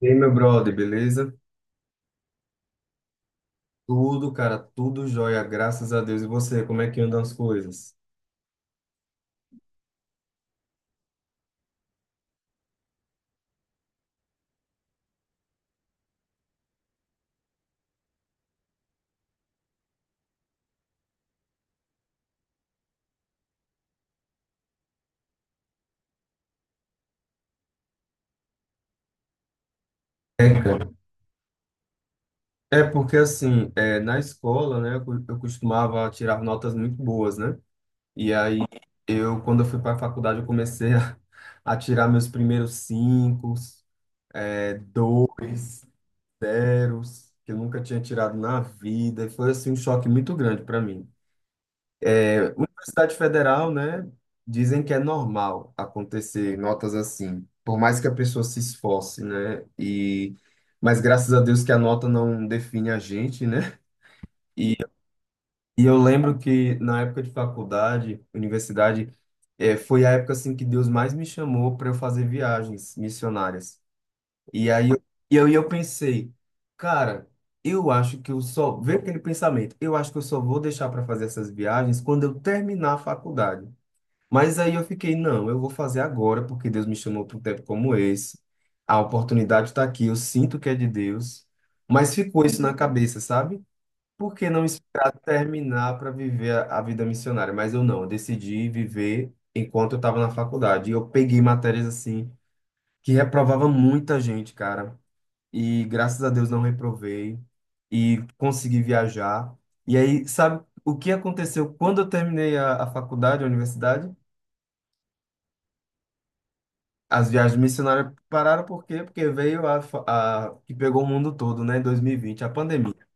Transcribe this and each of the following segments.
E aí, meu brother, beleza? Tudo, cara, tudo jóia, graças a Deus. E você, como é que andam as coisas? É, cara. É porque, assim, na escola, né, eu costumava tirar notas muito boas, né? E aí, eu, quando eu fui para a faculdade, eu comecei a, a tirar meus primeiros cinco, dois, zeros, que eu nunca tinha tirado na vida. E foi, assim, um choque muito grande para mim. Universidade Federal, né? Dizem que é normal acontecer notas assim, por mais que a pessoa se esforce, né? E mas graças a Deus que a nota não define a gente, né? E, e eu lembro que na época de faculdade, universidade, foi a época assim que Deus mais me chamou para eu fazer viagens missionárias. E aí eu, e aí eu pensei, cara, eu acho que eu só, veio aquele pensamento, eu acho que eu só vou deixar para fazer essas viagens quando eu terminar a faculdade. Mas aí eu fiquei, não, eu vou fazer agora, porque Deus me chamou para um tempo como esse. A oportunidade está aqui, eu sinto que é de Deus. Mas ficou isso na cabeça, sabe? Por que não esperar terminar para viver a vida missionária? Mas eu não, eu decidi viver enquanto eu estava na faculdade. E eu peguei matérias assim, que reprovava muita gente, cara. E graças a Deus não reprovei e consegui viajar. E aí, sabe o que aconteceu quando eu terminei a faculdade, a universidade? As viagens missionárias pararam por quê? Porque veio a que pegou o mundo todo, né, em 2020 a pandemia.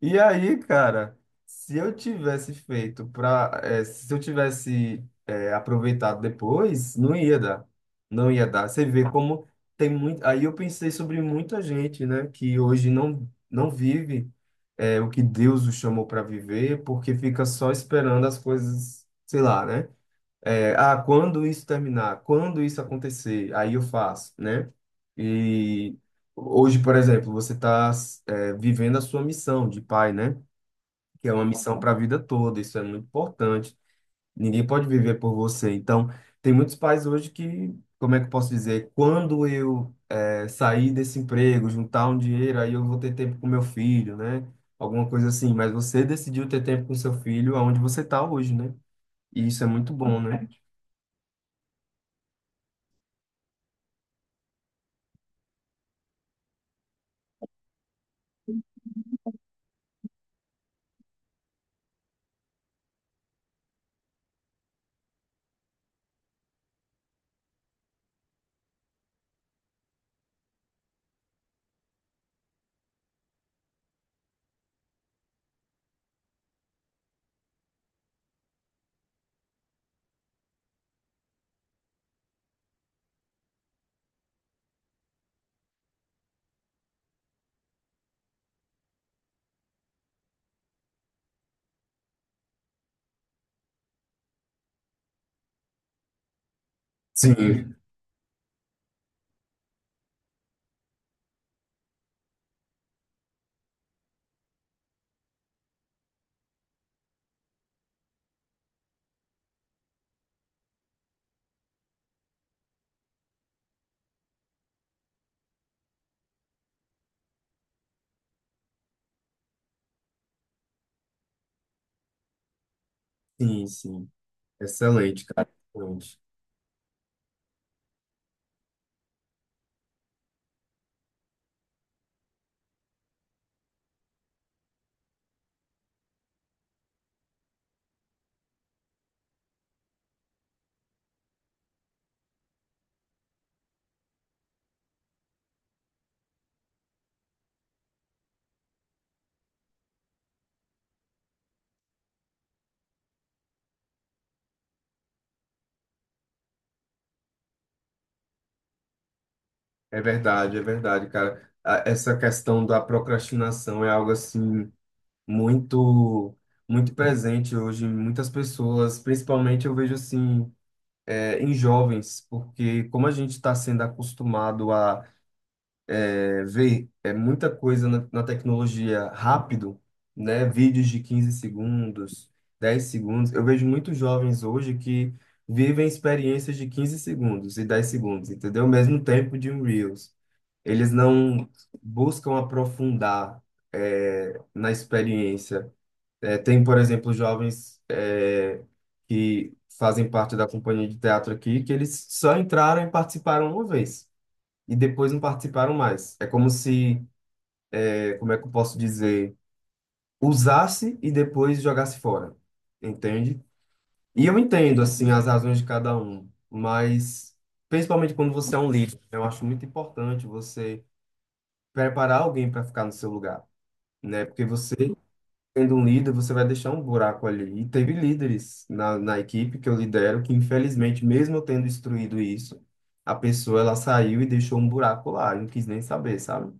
E aí, cara, se eu tivesse feito para, se eu tivesse aproveitado depois, não ia dar, não ia dar. Você vê como tem muito. Aí eu pensei sobre muita gente, né, que hoje não vive o que Deus o chamou para viver, porque fica só esperando as coisas, sei lá, né? É, ah, quando isso terminar, quando isso acontecer, aí eu faço, né? E hoje, por exemplo, você está vivendo a sua missão de pai, né? Que é uma missão para a vida toda, isso é muito importante. Ninguém pode viver por você. Então, tem muitos pais hoje que, como é que eu posso dizer? Quando eu sair desse emprego, juntar um dinheiro, aí eu vou ter tempo com meu filho, né? Alguma coisa assim. Mas você decidiu ter tempo com seu filho aonde você está hoje, né? E isso é muito bom, né? Sim. Sim, sim. Excelente, cara. Excelente. É verdade, cara. A- Essa questão da procrastinação é algo assim muito, muito presente hoje em muitas pessoas, principalmente eu vejo assim em jovens, porque como a gente está sendo acostumado é, ver muita coisa na tecnologia rápido, né? Vídeos de 15 segundos, 10 segundos. Eu vejo muitos jovens hoje que vivem experiências de 15 segundos e 10 segundos, entendeu? Mesmo tempo de um Reels. Eles não buscam aprofundar, na experiência. Tem, por exemplo, jovens, que fazem parte da companhia de teatro aqui, que eles só entraram e participaram uma vez e depois não participaram mais. É como se como é que eu posso dizer, usasse e depois jogasse fora, entende? E eu entendo, assim, as razões de cada um, mas principalmente quando você é um líder, né, eu acho muito importante você preparar alguém para ficar no seu lugar, né? Porque você, sendo um líder, você vai deixar um buraco ali. E teve líderes na equipe que eu lidero que, infelizmente, mesmo eu tendo instruído isso, a pessoa, ela saiu e deixou um buraco lá, e não quis nem saber, sabe?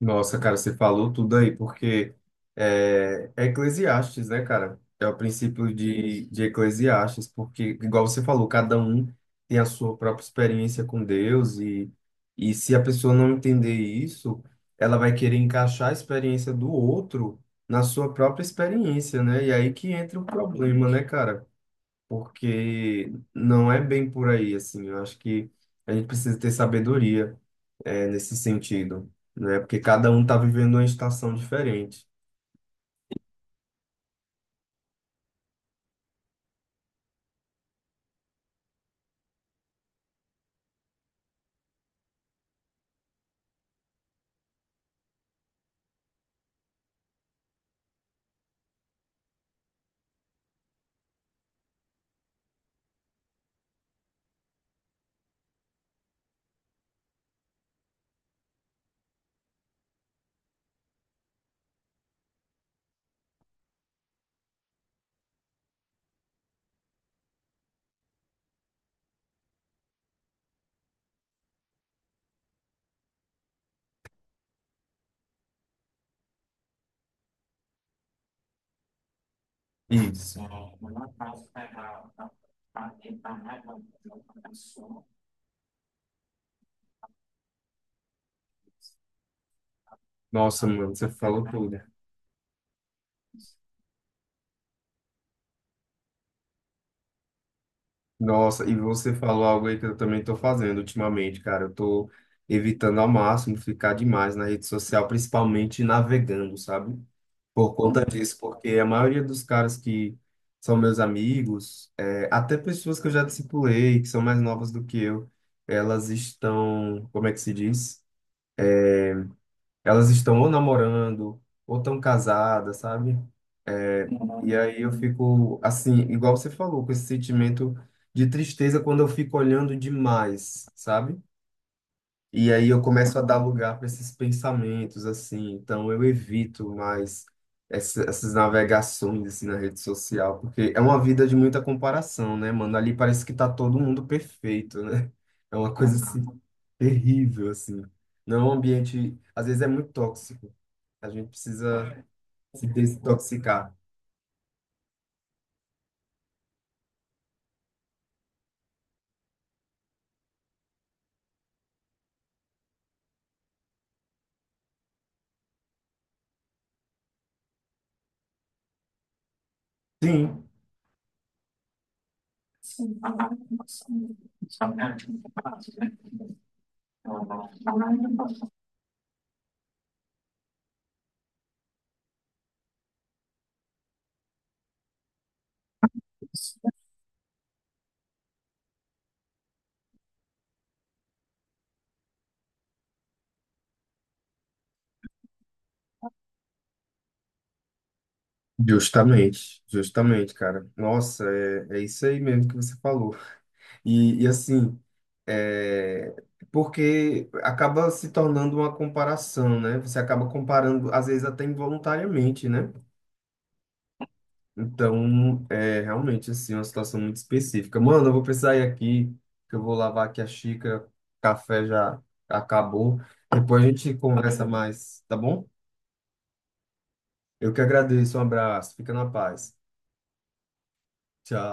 Nossa, cara, você falou tudo aí, porque é Eclesiastes, né, cara? É o princípio de Eclesiastes, porque, igual você falou, cada um tem a sua própria experiência com Deus, e se a pessoa não entender isso, ela vai querer encaixar a experiência do outro na sua própria experiência, né? E aí que entra o problema, né, cara? Porque não é bem por aí, assim. Eu acho que a gente precisa ter sabedoria, nesse sentido, né? Porque cada um tá vivendo uma estação diferente. Isso. Nossa, mano, você falou tudo. Nossa, e você falou algo aí que eu também tô fazendo ultimamente, cara. Eu tô evitando ao máximo ficar demais na rede social, principalmente navegando, sabe? Por conta disso, porque a maioria dos caras que são meus amigos, até pessoas que eu já discipulei, que são mais novas do que eu, elas estão, como é que se diz? Elas estão ou namorando, ou estão casadas, sabe? E aí eu fico assim, igual você falou, com esse sentimento de tristeza quando eu fico olhando demais, sabe? E aí eu começo a dar lugar para esses pensamentos, assim. Então eu evito mais essas navegações assim, na rede social, porque é uma vida de muita comparação, né, mano? Ali parece que tá todo mundo perfeito, né? É uma coisa assim, terrível, assim. Não é um ambiente, às vezes é muito tóxico. A gente precisa se desintoxicar. Sim, justamente, justamente, cara. Nossa, é, é isso aí mesmo que você falou. E assim, é, porque acaba se tornando uma comparação, né? Você acaba comparando, às vezes até involuntariamente, né? Então, é realmente, assim, uma situação muito específica. Mano, eu vou precisar ir aqui, que eu vou lavar aqui a xícara, o café já acabou. Depois a gente conversa mais, tá bom? Eu que agradeço, um abraço, fica na paz. Tchau.